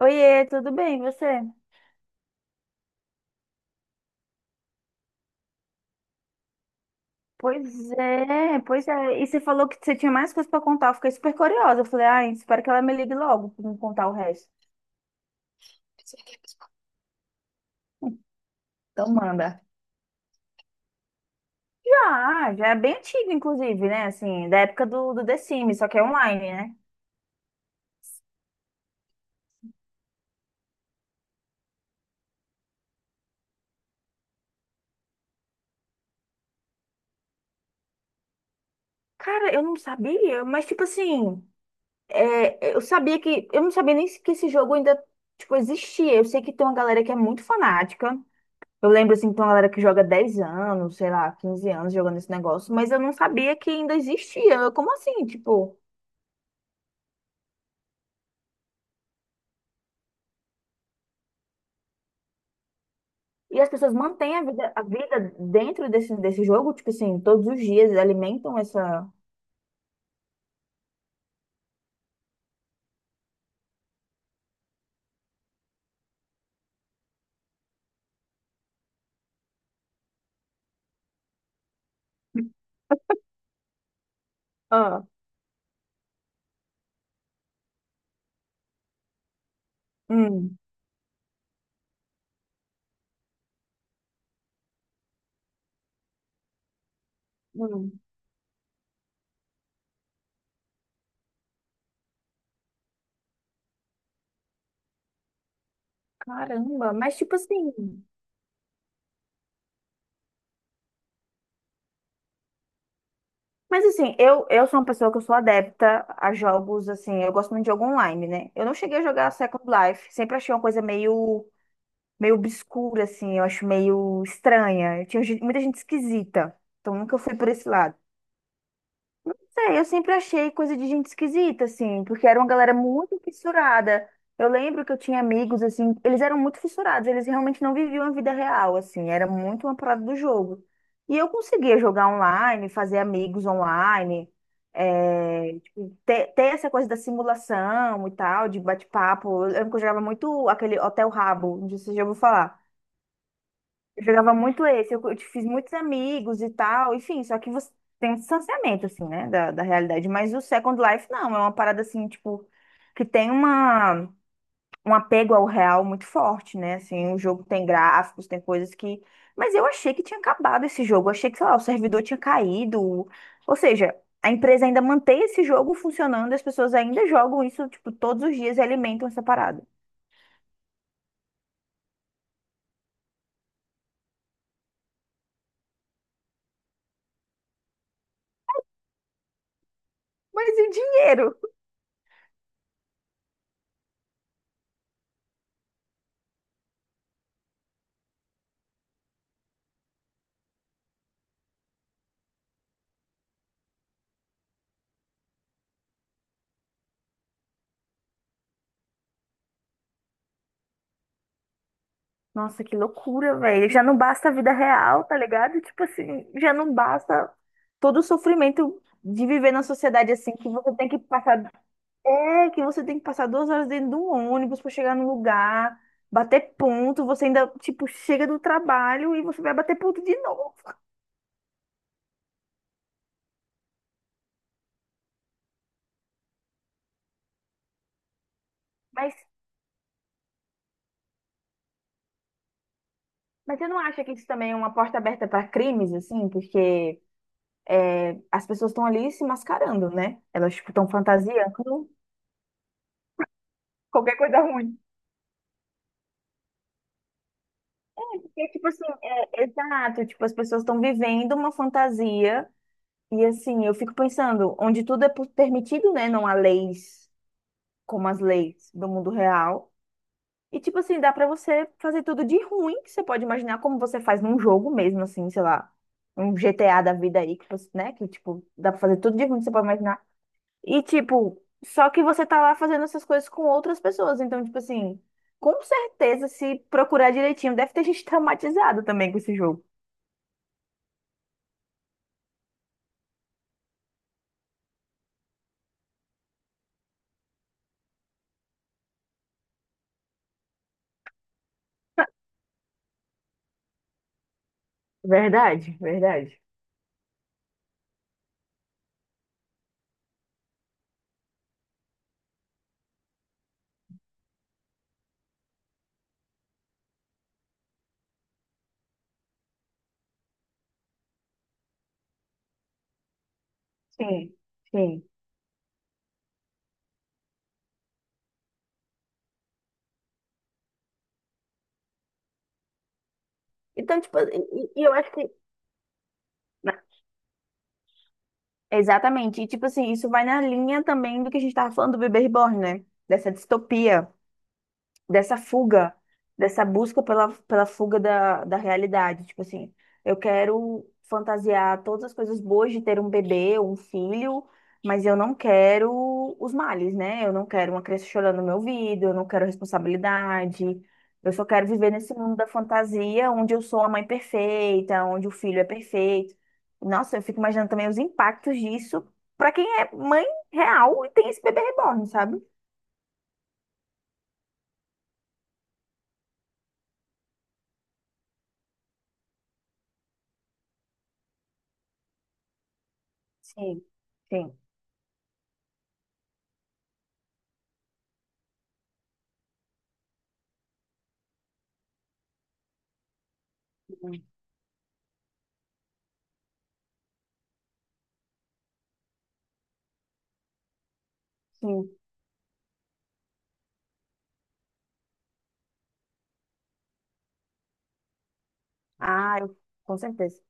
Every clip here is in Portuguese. Oiê, tudo bem, e você? Pois é, pois é. E você falou que você tinha mais coisas pra contar. Eu fiquei super curiosa. Eu falei, ai, espero que ela me ligue logo pra me contar o resto. Então manda. Já, já é bem antigo, inclusive, né? Assim, da época do The Sims, só que é online, né? Cara, eu não sabia, mas tipo assim, é, eu sabia que. Eu não sabia nem que esse jogo ainda, tipo, existia. Eu sei que tem uma galera que é muito fanática. Eu lembro, assim, que tem uma galera que joga 10 anos, sei lá, 15 anos jogando esse negócio, mas eu não sabia que ainda existia. Como assim, tipo? E as pessoas mantêm a vida dentro desse jogo, tipo assim, todos os dias alimentam essa. Ah, hum, hum. Caramba, mas tipo assim. Mas assim, eu sou uma pessoa que eu sou adepta a jogos, assim, eu gosto muito de jogo online, né? Eu não cheguei a jogar Second Life, sempre achei uma coisa meio obscura, assim, eu acho meio estranha. Tinha gente- muita gente esquisita, então nunca fui por esse lado. Sei, eu sempre achei coisa de gente esquisita, assim, porque era uma galera muito fissurada. Eu lembro que eu tinha amigos, assim, eles eram muito fissurados, eles realmente não viviam a vida real, assim, era muito uma parada do jogo. E eu conseguia jogar online, fazer amigos online, é, tipo, ter essa coisa da simulação e tal, de bate-papo. Eu lembro que eu jogava muito aquele Hotel Rabo, não sei se você já ouviu falar. Eu jogava muito esse, eu te fiz muitos amigos e tal, enfim, só que você tem um distanciamento, assim, né, da realidade. Mas o Second Life, não, é uma parada, assim, tipo, que tem um apego ao real muito forte, né, assim, o jogo tem gráficos, tem coisas que... Mas eu achei que tinha acabado esse jogo, eu achei que, sei lá, o servidor tinha caído, ou seja, a empresa ainda mantém esse jogo funcionando, as pessoas ainda jogam isso, tipo, todos os dias e alimentam essa parada. Mas e o dinheiro? Nossa, que loucura, velho. Já não basta a vida real, tá ligado? Tipo assim, já não basta todo o sofrimento de viver na sociedade assim, que você tem que passar. É, que você tem que passar 2 horas dentro de um ônibus pra chegar no lugar, bater ponto, você ainda, tipo, chega do trabalho e você vai bater ponto de novo. Mas, mas você não acha que isso também é uma porta aberta para crimes, assim? Porque é, as pessoas estão ali se mascarando, né? Elas, tipo, estão fantasiando qualquer coisa ruim. E, tipo assim, é, exato, tipo, as pessoas estão vivendo uma fantasia e assim, eu fico pensando, onde tudo é pu- permitido, né? Não há leis como as leis do mundo real. E tipo assim, dá pra você fazer tudo de ruim que você pode imaginar como você faz num jogo mesmo, assim, sei lá, um GTA da vida aí, que você, né? Que, tipo, dá pra fazer tudo de ruim que você pode imaginar. E, tipo, só que você tá lá fazendo essas coisas com outras pessoas. Então, tipo assim, com certeza, se procurar direitinho, deve ter gente traumatizada também com esse jogo. Verdade, verdade. Sim, sim. Então, tipo, e eu acho que. Exatamente. E, tipo assim, isso vai na linha também do que a gente tava falando do bebê reborn, né? Dessa distopia. Dessa fuga, dessa busca pela fuga da realidade. Tipo assim, eu quero fantasiar todas as coisas boas de ter um bebê, um filho, mas eu não quero os males, né? Eu não quero uma criança chorando no meu ouvido, eu não quero responsabilidade. Eu só quero viver nesse mundo da fantasia, onde eu sou a mãe perfeita, onde o filho é perfeito. Nossa, eu fico imaginando também os impactos disso para quem é mãe real e tem esse bebê reborn, sabe? Sim. Sim. Hum. Sim. Ah, com certeza.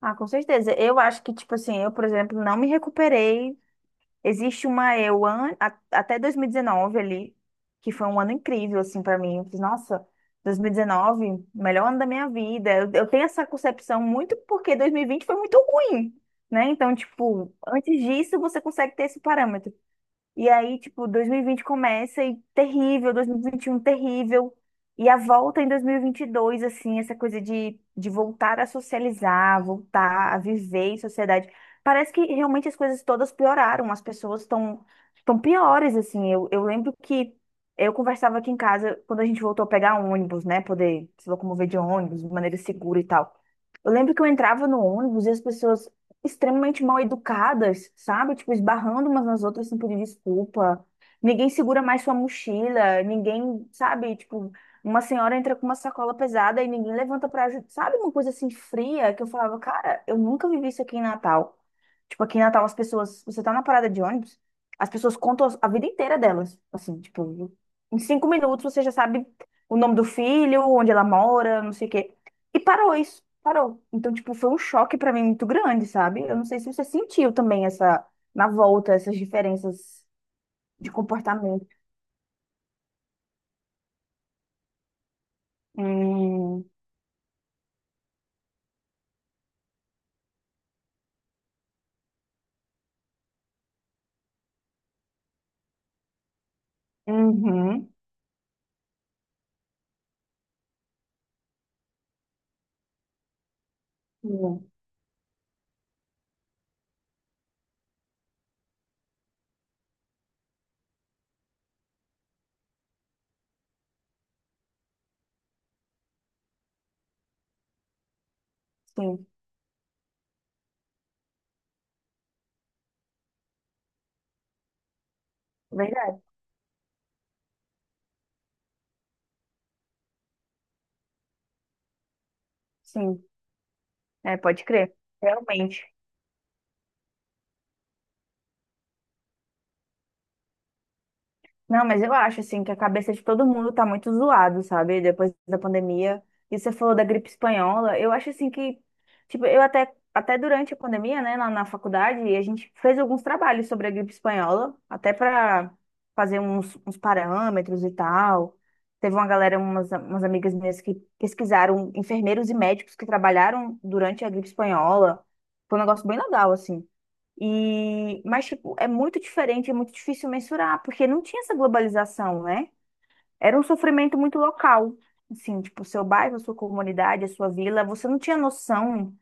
Ah, com certeza. Eu acho que, tipo assim, eu, por exemplo, não me recuperei. Existe uma até 2019 ali, que foi um ano incrível, assim, pra mim. Eu fiz, nossa, 2019, melhor ano da minha vida. Eu tenho essa concepção muito porque 2020 foi muito ruim, né? Então, tipo, antes disso, você consegue ter esse parâmetro. E aí, tipo, 2020 começa e terrível, 2021 terrível. E a volta em 2022, assim, essa coisa de voltar a socializar, voltar a viver em sociedade. Parece que realmente as coisas todas pioraram, as pessoas estão piores, assim. Eu lembro que eu conversava aqui em casa quando a gente voltou a pegar ônibus, né? Poder se locomover de ônibus de maneira segura e tal. Eu lembro que eu entrava no ônibus e as pessoas extremamente mal educadas, sabe? Tipo, esbarrando umas nas outras sem pedir desculpa. Ninguém segura mais sua mochila, ninguém, sabe? Tipo, uma senhora entra com uma sacola pesada e ninguém levanta pra ajudar. Sabe uma coisa assim fria que eu falava, cara, eu nunca vivi isso aqui em Natal. Tipo, aqui em Natal as pessoas, você tá na parada de ônibus, as pessoas contam a vida inteira delas. Assim, tipo, em 5 minutos você já sabe o nome do filho, onde ela mora, não sei o quê. E parou isso, parou. Então, tipo, foi um choque pra mim muito grande, sabe? Eu não sei se você sentiu também essa, na volta, essas diferenças de comportamento. Hum, uhum, sim, sim, é verdade, sim, é, pode crer, realmente. Não, mas eu acho, assim, que a cabeça de todo mundo tá muito zoado, sabe? Depois da pandemia. E você falou da gripe espanhola. Eu acho, assim, que... Tipo, eu até, até durante a pandemia, né, na faculdade, a gente fez alguns trabalhos sobre a gripe espanhola. Até para fazer uns parâmetros e tal. Teve uma galera, umas amigas minhas que pesquisaram enfermeiros e médicos que trabalharam durante a gripe espanhola. Foi um negócio bem legal, assim. E, mas, tipo, é muito diferente, é muito difícil mensurar, porque não tinha essa globalização, né? Era um sofrimento muito local. Assim, tipo, seu bairro, a sua comunidade, a sua vila, você não tinha noção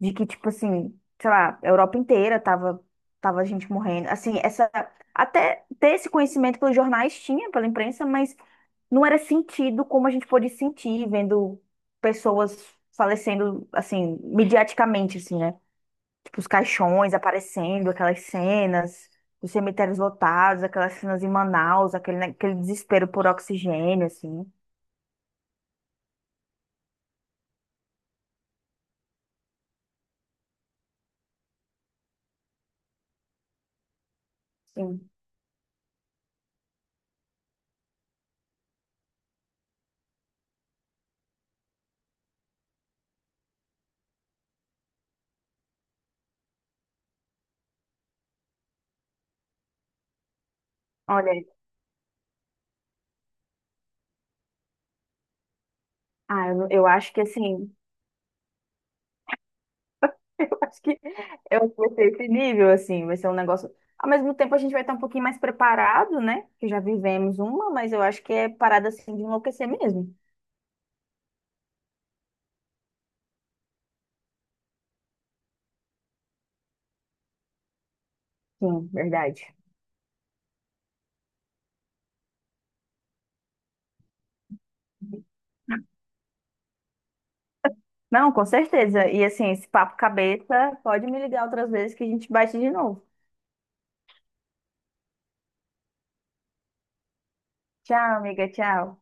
de que, tipo assim, sei lá, a Europa inteira tava, tava gente morrendo. Assim, essa, até ter esse conhecimento pelos jornais tinha, pela imprensa, mas não era sentido como a gente pôde sentir vendo pessoas falecendo, assim, midiaticamente, assim, né? Tipo, os caixões aparecendo, aquelas cenas, os cemitérios lotados, aquelas cenas em Manaus, aquele desespero por oxigênio, assim. Sim. Olha, ah, eu acho que assim, eu acho que eu acho que vai ser esse nível, assim, vai ser um negócio. Ao mesmo tempo, a gente vai estar um pouquinho mais preparado, né? Que já vivemos uma, mas eu acho que é parada assim de enlouquecer mesmo. Sim, verdade. Não, com certeza. E assim, esse papo cabeça, pode me ligar outras vezes que a gente bate de novo. Tchau, amiga, tchau.